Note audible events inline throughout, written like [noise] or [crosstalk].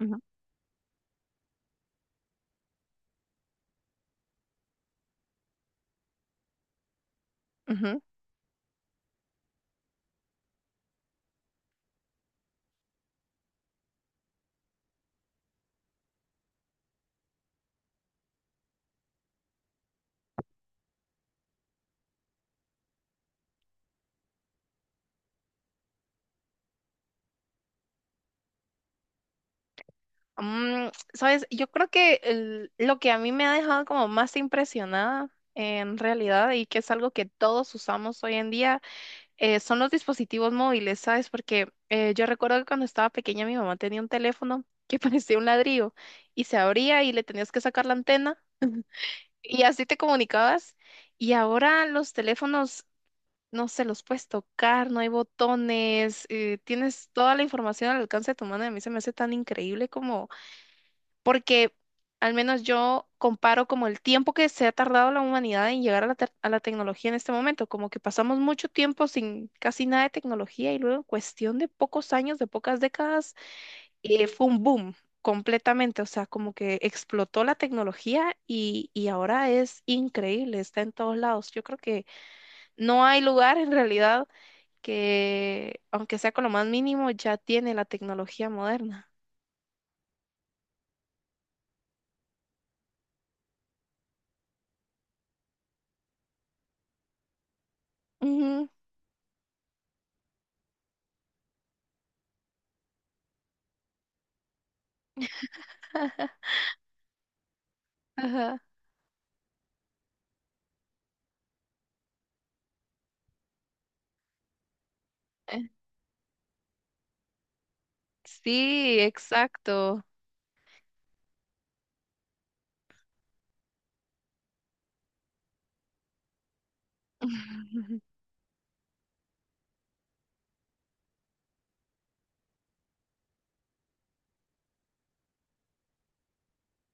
Ujú, ujú. Sabes, yo creo que lo que a mí me ha dejado como más impresionada en realidad y que es algo que todos usamos hoy en día son los dispositivos móviles, ¿sabes? Porque yo recuerdo que cuando estaba pequeña mi mamá tenía un teléfono que [laughs] parecía un ladrillo y se abría y le tenías que sacar la antena y así te comunicabas. Y ahora los teléfonos, no se los puedes tocar, no hay botones, tienes toda la información al alcance de tu mano y a mí se me hace tan increíble como porque al menos yo comparo como el tiempo que se ha tardado la humanidad en llegar a la tecnología en este momento, como que pasamos mucho tiempo sin casi nada de tecnología y luego en cuestión de pocos años, de pocas décadas, fue un boom completamente. O sea, como que explotó la tecnología y ahora es increíble, está en todos lados. Yo creo que no hay lugar en realidad que, aunque sea con lo más mínimo, ya tiene la tecnología moderna. Ujú. Ajá. Sí, exacto. [laughs]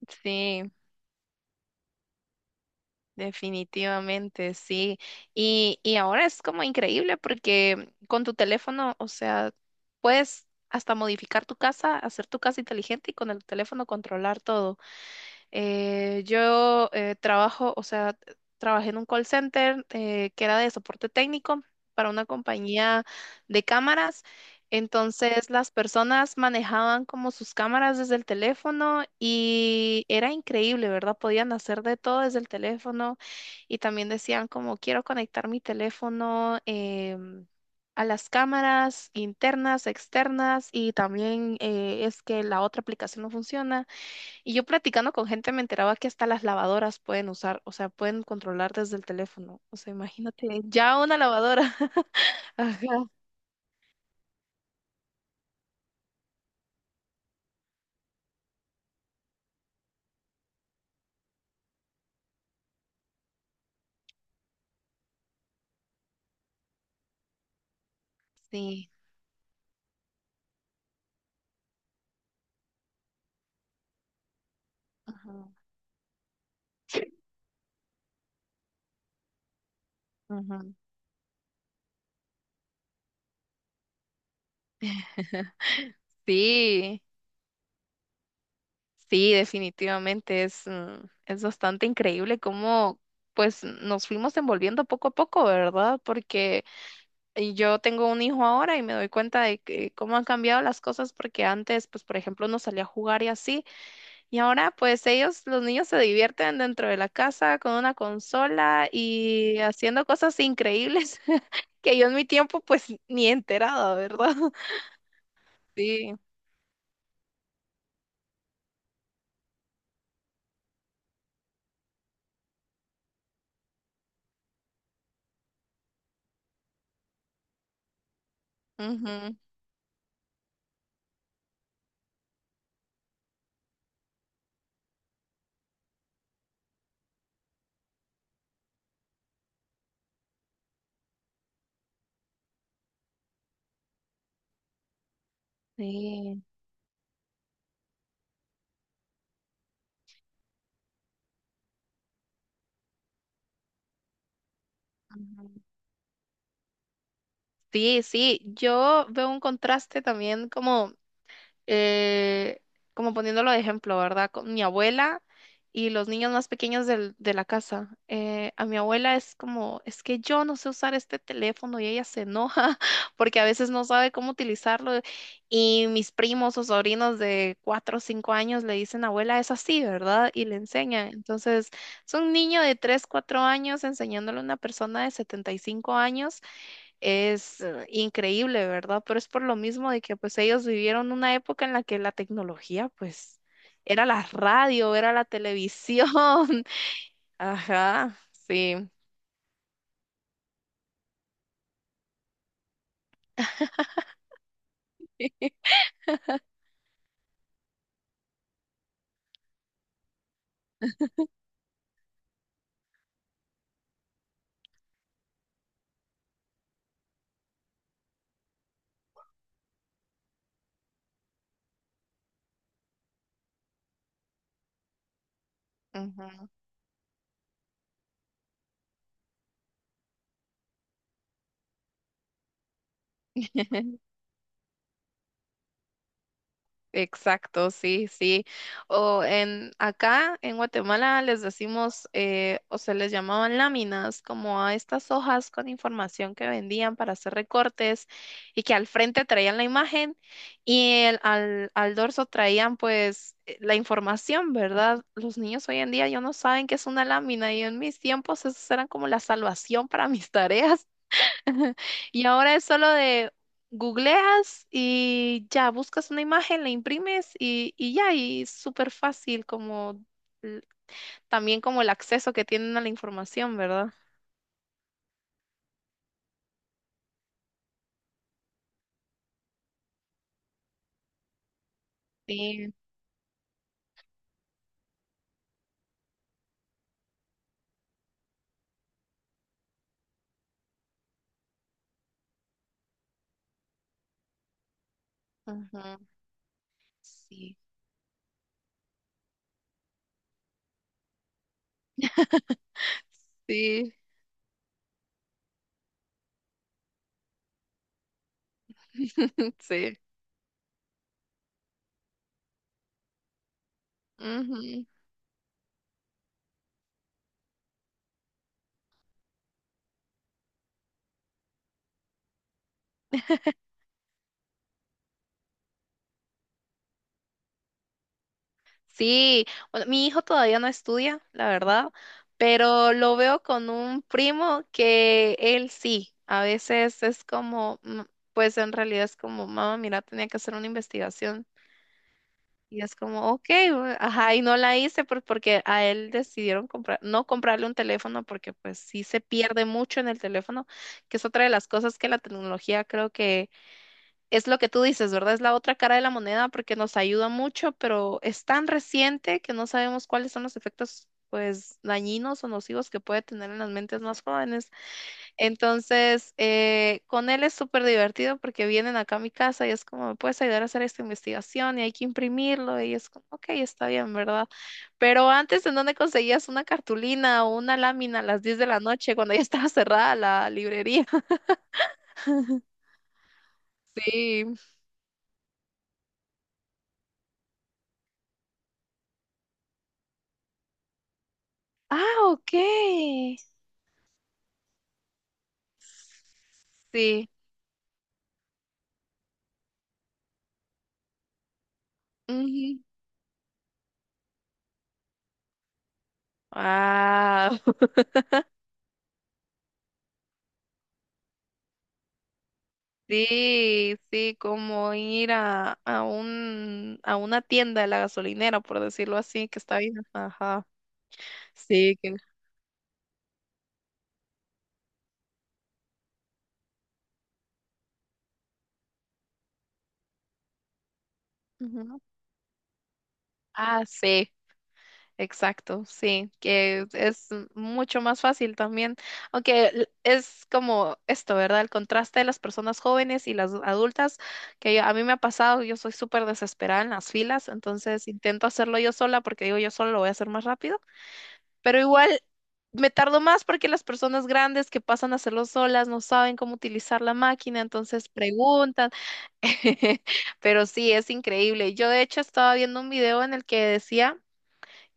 Sí, definitivamente, sí. Y ahora es como increíble porque con tu teléfono, o sea, puedes hasta modificar tu casa, hacer tu casa inteligente y con el teléfono controlar todo. Yo trabajo, o sea, trabajé en un call center que era de soporte técnico para una compañía de cámaras. Entonces las personas manejaban como sus cámaras desde el teléfono y era increíble, ¿verdad? Podían hacer de todo desde el teléfono y también decían como quiero conectar mi teléfono a las cámaras internas, externas y también es que la otra aplicación no funciona. Y yo platicando con gente me enteraba que hasta las lavadoras pueden usar, o sea, pueden controlar desde el teléfono. O sea, imagínate, ya una lavadora. [laughs] Ajá. Sí. Ajá. Ajá. [laughs] Sí, sí, definitivamente es bastante increíble cómo pues nos fuimos envolviendo poco a poco, ¿verdad? Porque yo tengo un hijo ahora y me doy cuenta de que cómo han cambiado las cosas porque antes, pues por ejemplo, uno salía a jugar y así. Y ahora, pues ellos, los niños se divierten dentro de la casa con una consola y haciendo cosas increíbles [laughs] que yo en mi tiempo, pues ni enterada, ¿verdad? [laughs] Sí. Ujú, sí. Ujú. Sí, sí, yo veo un contraste también eh, como poniéndolo de ejemplo, ¿verdad? Con mi abuela y los niños más pequeños de la casa. A mi abuela es como, es que yo no sé usar este teléfono y ella se enoja [laughs] porque a veces no sabe cómo utilizarlo. Y mis primos o sobrinos de 4 o 5 años le dicen, abuela, es así, ¿verdad? Y le enseñan. Entonces, es un niño de 3, 4 años enseñándole a una persona de 75 años es increíble, ¿verdad? Pero es por lo mismo de que pues ellos vivieron una época en la que la tecnología pues era la radio, era la televisión. [laughs] Ajá, sí. Ujú. [laughs] Exacto, sí, sí. O en acá en Guatemala les decimos, o se les llamaban láminas, como a estas hojas con información que vendían para hacer recortes y que al frente traían la imagen y al dorso traían pues la información, ¿verdad? Los niños hoy en día ya no saben qué es una lámina y en mis tiempos esas eran como la salvación para mis tareas. [laughs] Y ahora es solo de googleas y ya buscas una imagen, la imprimes y ya, y es súper fácil como l- también como el acceso que tienen a la información, ¿verdad? Sí. Ujú, sí. Sí. [laughs] Sí. Ujú. Sí, bueno, mi hijo todavía no estudia, la verdad, pero lo veo con un primo que él sí, a veces es como, pues en realidad es como, mamá, mira, tenía que hacer una investigación. Y es como, ok, ajá, y no la hice porque a él decidieron comprar, no comprarle un teléfono porque pues sí se pierde mucho en el teléfono, que es otra de las cosas que la tecnología creo que es lo que tú dices, ¿verdad? Es la otra cara de la moneda porque nos ayuda mucho, pero es tan reciente que no sabemos cuáles son los efectos, pues, dañinos o nocivos que puede tener en las mentes más jóvenes. Entonces, con él es súper divertido porque vienen acá a mi casa y es como, ¿me puedes ayudar a hacer esta investigación? Y hay que imprimirlo y es como, ok, está bien, ¿verdad? Pero antes, ¿en dónde conseguías una cartulina o una lámina a las 10 de la noche cuando ya estaba cerrada la librería? [laughs] Sí. Ah, ok. Sí. Ujú. Ah, [laughs] sí, sí, como ir a una tienda de la gasolinera, por decirlo así, que está bien. Ajá. Sí. Ujú. Ah, sí. Exacto, sí, que es mucho más fácil también, aunque es como esto, ¿verdad? El contraste de las personas jóvenes y las adultas, que a mí me ha pasado, yo soy súper desesperada en las filas, entonces intento hacerlo yo sola porque digo, yo solo lo voy a hacer más rápido, pero igual me tardo más porque las personas grandes que pasan a hacerlo solas no saben cómo utilizar la máquina, entonces preguntan. [laughs] Pero sí, es increíble. Yo de hecho estaba viendo un video en el que decía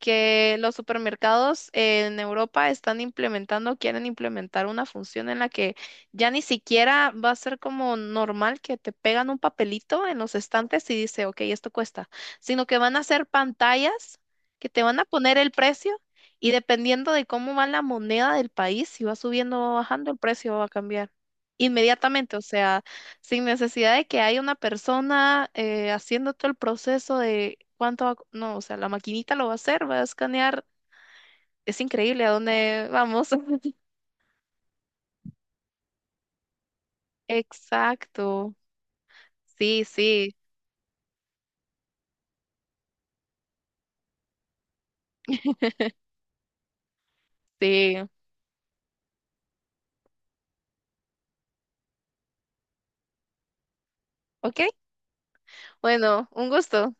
que los supermercados en Europa están implementando, quieren implementar una función en la que ya ni siquiera va a ser como normal que te pegan un papelito en los estantes y dice, ok, esto cuesta, sino que van a hacer pantallas que te van a poner el precio y dependiendo de cómo va la moneda del país, si va subiendo o bajando, el precio va a cambiar inmediatamente. O sea, sin necesidad de que haya una persona haciendo todo el proceso de cuánto va, no, o sea, la maquinita lo va a hacer, va a escanear. Es increíble a dónde vamos. [laughs] Exacto. Sí, sí, [laughs] sí. Ok. Bueno, un gusto.